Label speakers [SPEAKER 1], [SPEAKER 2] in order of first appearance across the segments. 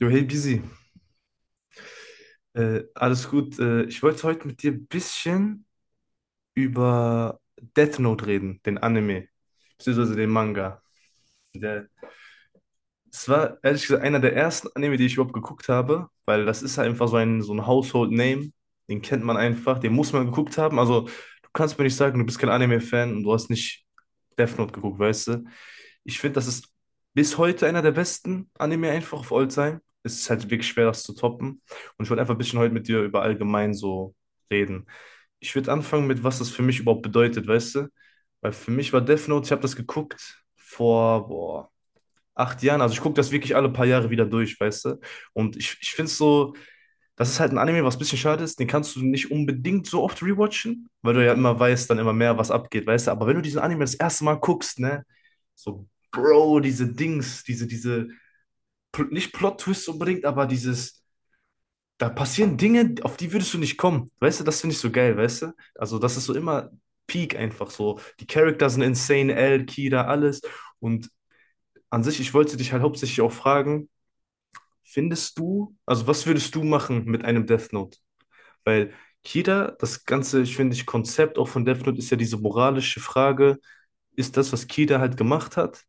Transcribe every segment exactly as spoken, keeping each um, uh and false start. [SPEAKER 1] Jo, hey Busy, äh, alles gut. Äh, ich wollte heute mit dir ein bisschen über Death Note reden, den Anime, beziehungsweise den Manga. Der Es war ehrlich gesagt einer der ersten Anime, die ich überhaupt geguckt habe, weil das ist halt einfach so ein, so ein Household Name. Den kennt man einfach, den muss man geguckt haben. Also, du kannst mir nicht sagen, du bist kein Anime-Fan und du hast nicht Death Note geguckt, weißt du? Ich finde, das ist bis heute einer der besten Anime einfach of all time. Es ist halt wirklich schwer, das zu toppen. Und ich wollte einfach ein bisschen heute mit dir über allgemein so reden. Ich würde anfangen mit, was das für mich überhaupt bedeutet, weißt du? Weil für mich war Death Note, ich habe das geguckt vor, boah acht Jahren. Also ich gucke das wirklich alle paar Jahre wieder durch, weißt du? Und ich, ich finde es so, das ist halt ein Anime, was ein bisschen schade ist. Den kannst du nicht unbedingt so oft rewatchen, weil du ja immer weißt, dann immer mehr, was abgeht, weißt du? Aber wenn du diesen Anime das erste Mal guckst, ne? So, Bro, diese Dings, diese, diese, pl- nicht Plot-Twist unbedingt, aber dieses, da passieren Dinge, auf die würdest du nicht kommen. Weißt du, das finde ich so geil, weißt du? Also das ist so immer Peak einfach so. Die Charakter sind insane, L, Kira, alles. Und an sich, ich wollte dich halt hauptsächlich auch fragen, findest du, also was würdest du machen mit einem Death Note? Weil Kida, das ganze, ich finde, ich Konzept auch von Death Note ist ja diese moralische Frage, ist das, was Kida halt gemacht hat,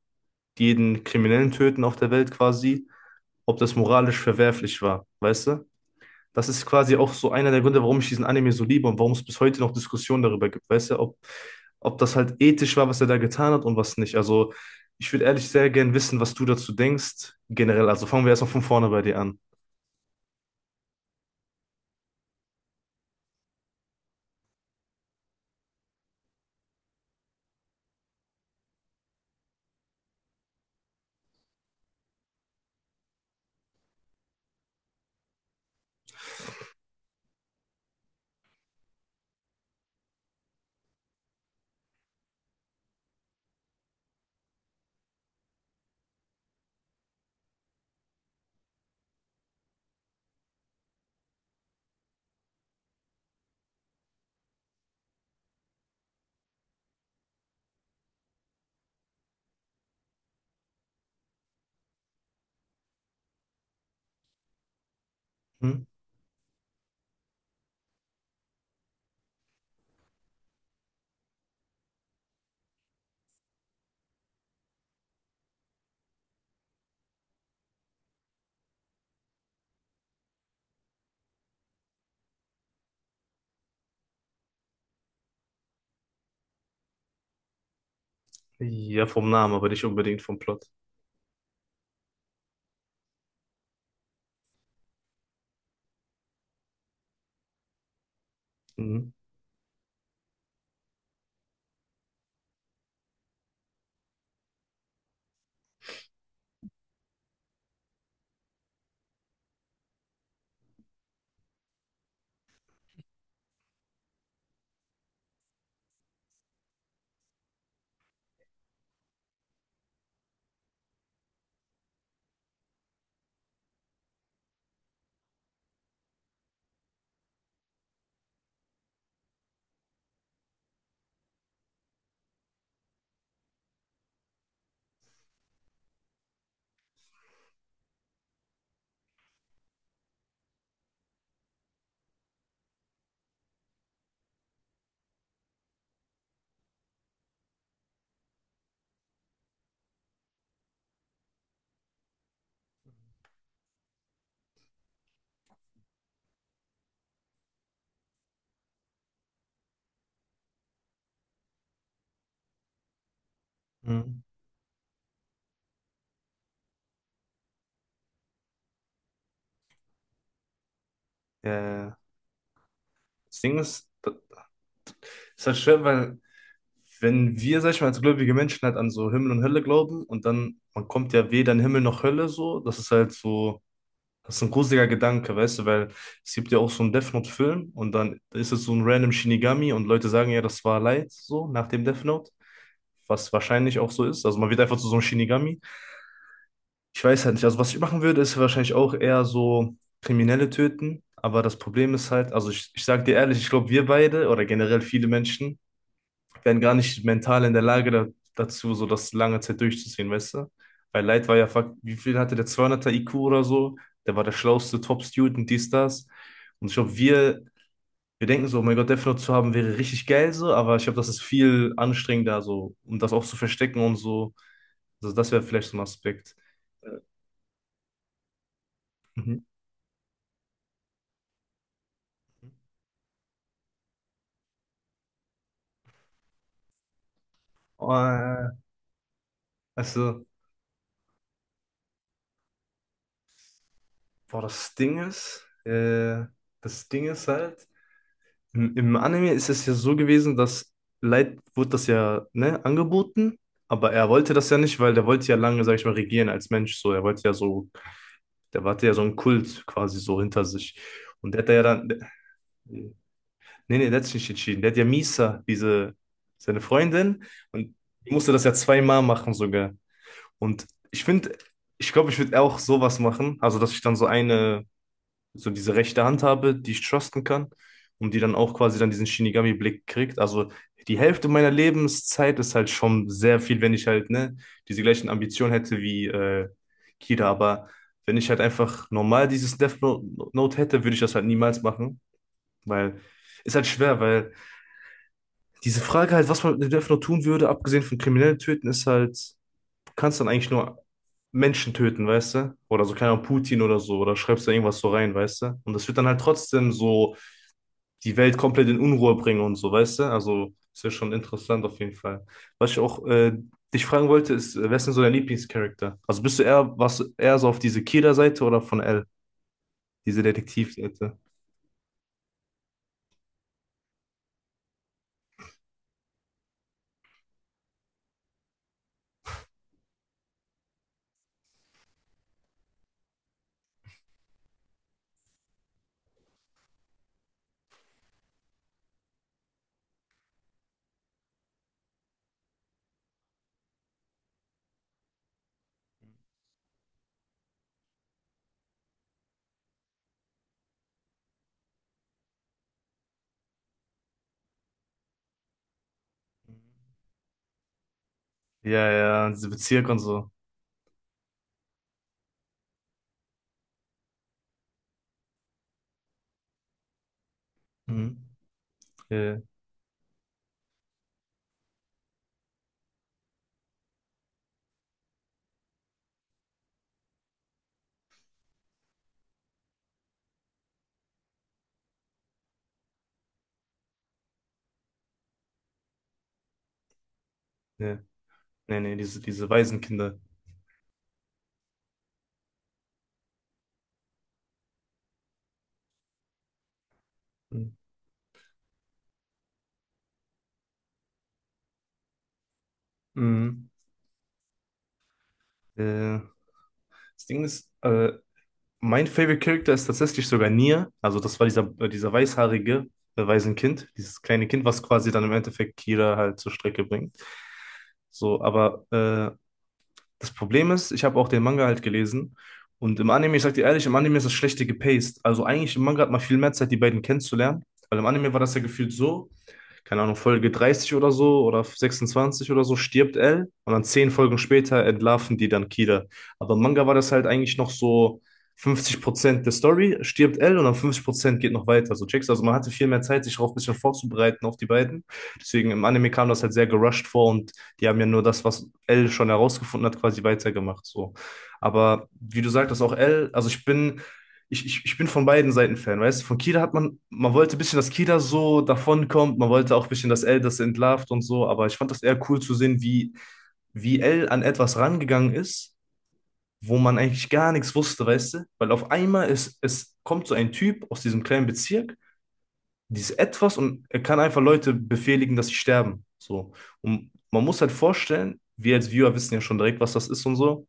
[SPEAKER 1] jeden Kriminellen töten auf der Welt quasi, ob das moralisch verwerflich war, weißt du? Das ist quasi auch so einer der Gründe, warum ich diesen Anime so liebe und warum es bis heute noch Diskussionen darüber gibt, weißt du, ob, ob das halt ethisch war, was er da getan hat und was nicht. Also ich würde ehrlich sehr gern wissen, was du dazu denkst, generell. Also fangen wir erstmal von vorne bei dir an. Hm? Ja, vom Namen, aber nicht unbedingt vom Plot. Mhm. Mhm. Ja, ja, ja. Das Ding ist, das ist halt schwer, weil wenn wir, sag ich mal, als gläubige Menschen halt an so Himmel und Hölle glauben und dann, man kommt ja weder in Himmel noch Hölle so, das ist halt so, das ist ein gruseliger Gedanke, weißt du, weil es gibt ja auch so einen Death Note-Film und dann ist es so ein random Shinigami und Leute sagen ja, das war Light so nach dem Death Note, was wahrscheinlich auch so ist. Also man wird einfach zu so einem Shinigami. Ich weiß halt nicht. Also, was ich machen würde, ist wahrscheinlich auch eher so Kriminelle töten. Aber das Problem ist halt, also ich, ich sage dir ehrlich, ich glaube, wir beide oder generell viele Menschen wären gar nicht mental in der Lage da, dazu, so das lange Zeit durchzuziehen, weißt du? Weil Light war ja, fuck, wie viel hatte der zweihunderter I Q oder so? Der war der schlauste Top-Student, dies, das. Und ich glaube, wir, wir denken so, oh mein Gott, Death Note zu haben wäre richtig geil so, aber ich glaube, das ist viel anstrengender so, um das auch zu verstecken und so. Also, das wäre vielleicht so ein Aspekt. Mhm. Also, boah, das Ding ist, äh, das Ding ist halt, im, im Anime ist es ja so gewesen, dass Light wurde das ja, ne, angeboten, aber er wollte das ja nicht, weil der wollte ja lange, sag ich mal, regieren als Mensch, so, er wollte ja so, der hatte ja so einen Kult quasi so hinter sich und der hat ja dann, nee, nee, der hat sich nicht entschieden, der hat ja Misa, diese, seine Freundin und die musste das ja zweimal machen sogar und ich finde, ich glaube, ich würde auch sowas machen, also, dass ich dann so eine so diese rechte Hand habe, die ich trusten kann und die dann auch quasi dann diesen Shinigami-Blick kriegt. Also die Hälfte meiner Lebenszeit ist halt schon sehr viel, wenn ich halt ne, diese gleichen Ambitionen hätte wie äh, Kira. Aber wenn ich halt einfach normal dieses Death Note Note hätte, würde ich das halt niemals machen, weil ist halt schwer, weil diese Frage halt, was man mit Death Note tun würde, abgesehen von Kriminellen töten, ist halt, du kannst dann eigentlich nur Menschen töten, weißt du? Oder so, keine Ahnung, Putin oder so, oder schreibst da irgendwas so rein, weißt du? Und das wird dann halt trotzdem so die Welt komplett in Unruhe bringen und so, weißt du? Also ist ja schon interessant auf jeden Fall. Was ich auch äh, dich fragen wollte, ist, äh, wer ist denn so dein Lieblingscharakter? Also bist du eher, was eher so auf diese Kira-Seite oder von L, diese Detektivseite? Ja, ja, diese Bezirk und so. Mhm. Ja, ja. Nee, nee, diese, diese Waisenkinder. Mhm. Mhm. Äh, das Ding ist, äh, Mein Favorite Character ist tatsächlich sogar Nier. Also das war dieser, äh, dieser weißhaarige, äh, Waisenkind, dieses kleine Kind, was quasi dann im Endeffekt Kira halt zur Strecke bringt. So, aber äh, das Problem ist, ich habe auch den Manga halt gelesen. Und im Anime, ich sag dir ehrlich, im Anime ist das schlechte gepaced. Also eigentlich im Manga hat man viel mehr Zeit, die beiden kennenzulernen. Weil im Anime war das ja gefühlt so, keine Ahnung, Folge dreißig oder so oder sechsundzwanzig oder so stirbt L und dann zehn Folgen später entlarven die dann Kida. Aber im Manga war das halt eigentlich noch so fünfzig Prozent der Story stirbt L und dann fünfzig Prozent geht noch weiter. So checkst du? Also man hatte viel mehr Zeit, sich darauf ein bisschen vorzubereiten auf die beiden. Deswegen im Anime kam das halt sehr gerusht vor und die haben ja nur das, was L schon herausgefunden hat, quasi weitergemacht. So. Aber wie du sagtest, auch L, also ich bin ich, ich, ich bin von beiden Seiten Fan, weißt du? Von Kida hat man, man wollte ein bisschen, dass Kida so davonkommt, man wollte auch ein bisschen, dass L das entlarvt und so, aber ich fand das eher cool zu sehen, wie, wie L an etwas rangegangen ist, wo man eigentlich gar nichts wusste, weißt du? Weil auf einmal ist, es kommt so ein Typ aus diesem kleinen Bezirk, dieses Etwas und er kann einfach Leute befehligen, dass sie sterben. So. Und man muss halt vorstellen, wir als Viewer wissen ja schon direkt, was das ist und so.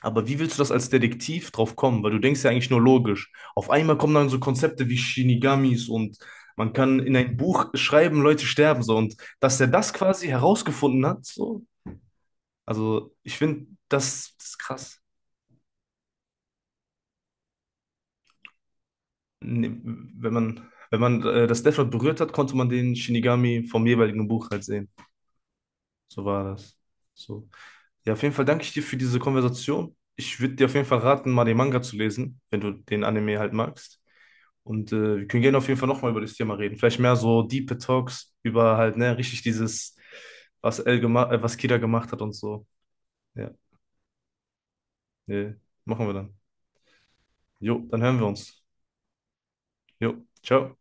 [SPEAKER 1] Aber wie willst du das als Detektiv drauf kommen? Weil du denkst ja eigentlich nur logisch. Auf einmal kommen dann so Konzepte wie Shinigamis und man kann in ein Buch schreiben, Leute sterben so. Und dass er das quasi herausgefunden hat, so, also ich finde, das ist krass. Nee, wenn man, wenn man äh, das Death Note berührt hat, konnte man den Shinigami vom jeweiligen Buch halt sehen. So war das. So. Ja, auf jeden Fall danke ich dir für diese Konversation. Ich würde dir auf jeden Fall raten, mal den Manga zu lesen, wenn du den Anime halt magst. Und äh, wir können gerne auf jeden Fall nochmal über das Thema reden. Vielleicht mehr so Deep Talks über halt, ne, richtig dieses, was El gemacht, äh, was Kida gemacht hat und so. Ja, nee, machen wir dann. Jo, dann hören wir uns. Jo, ciao.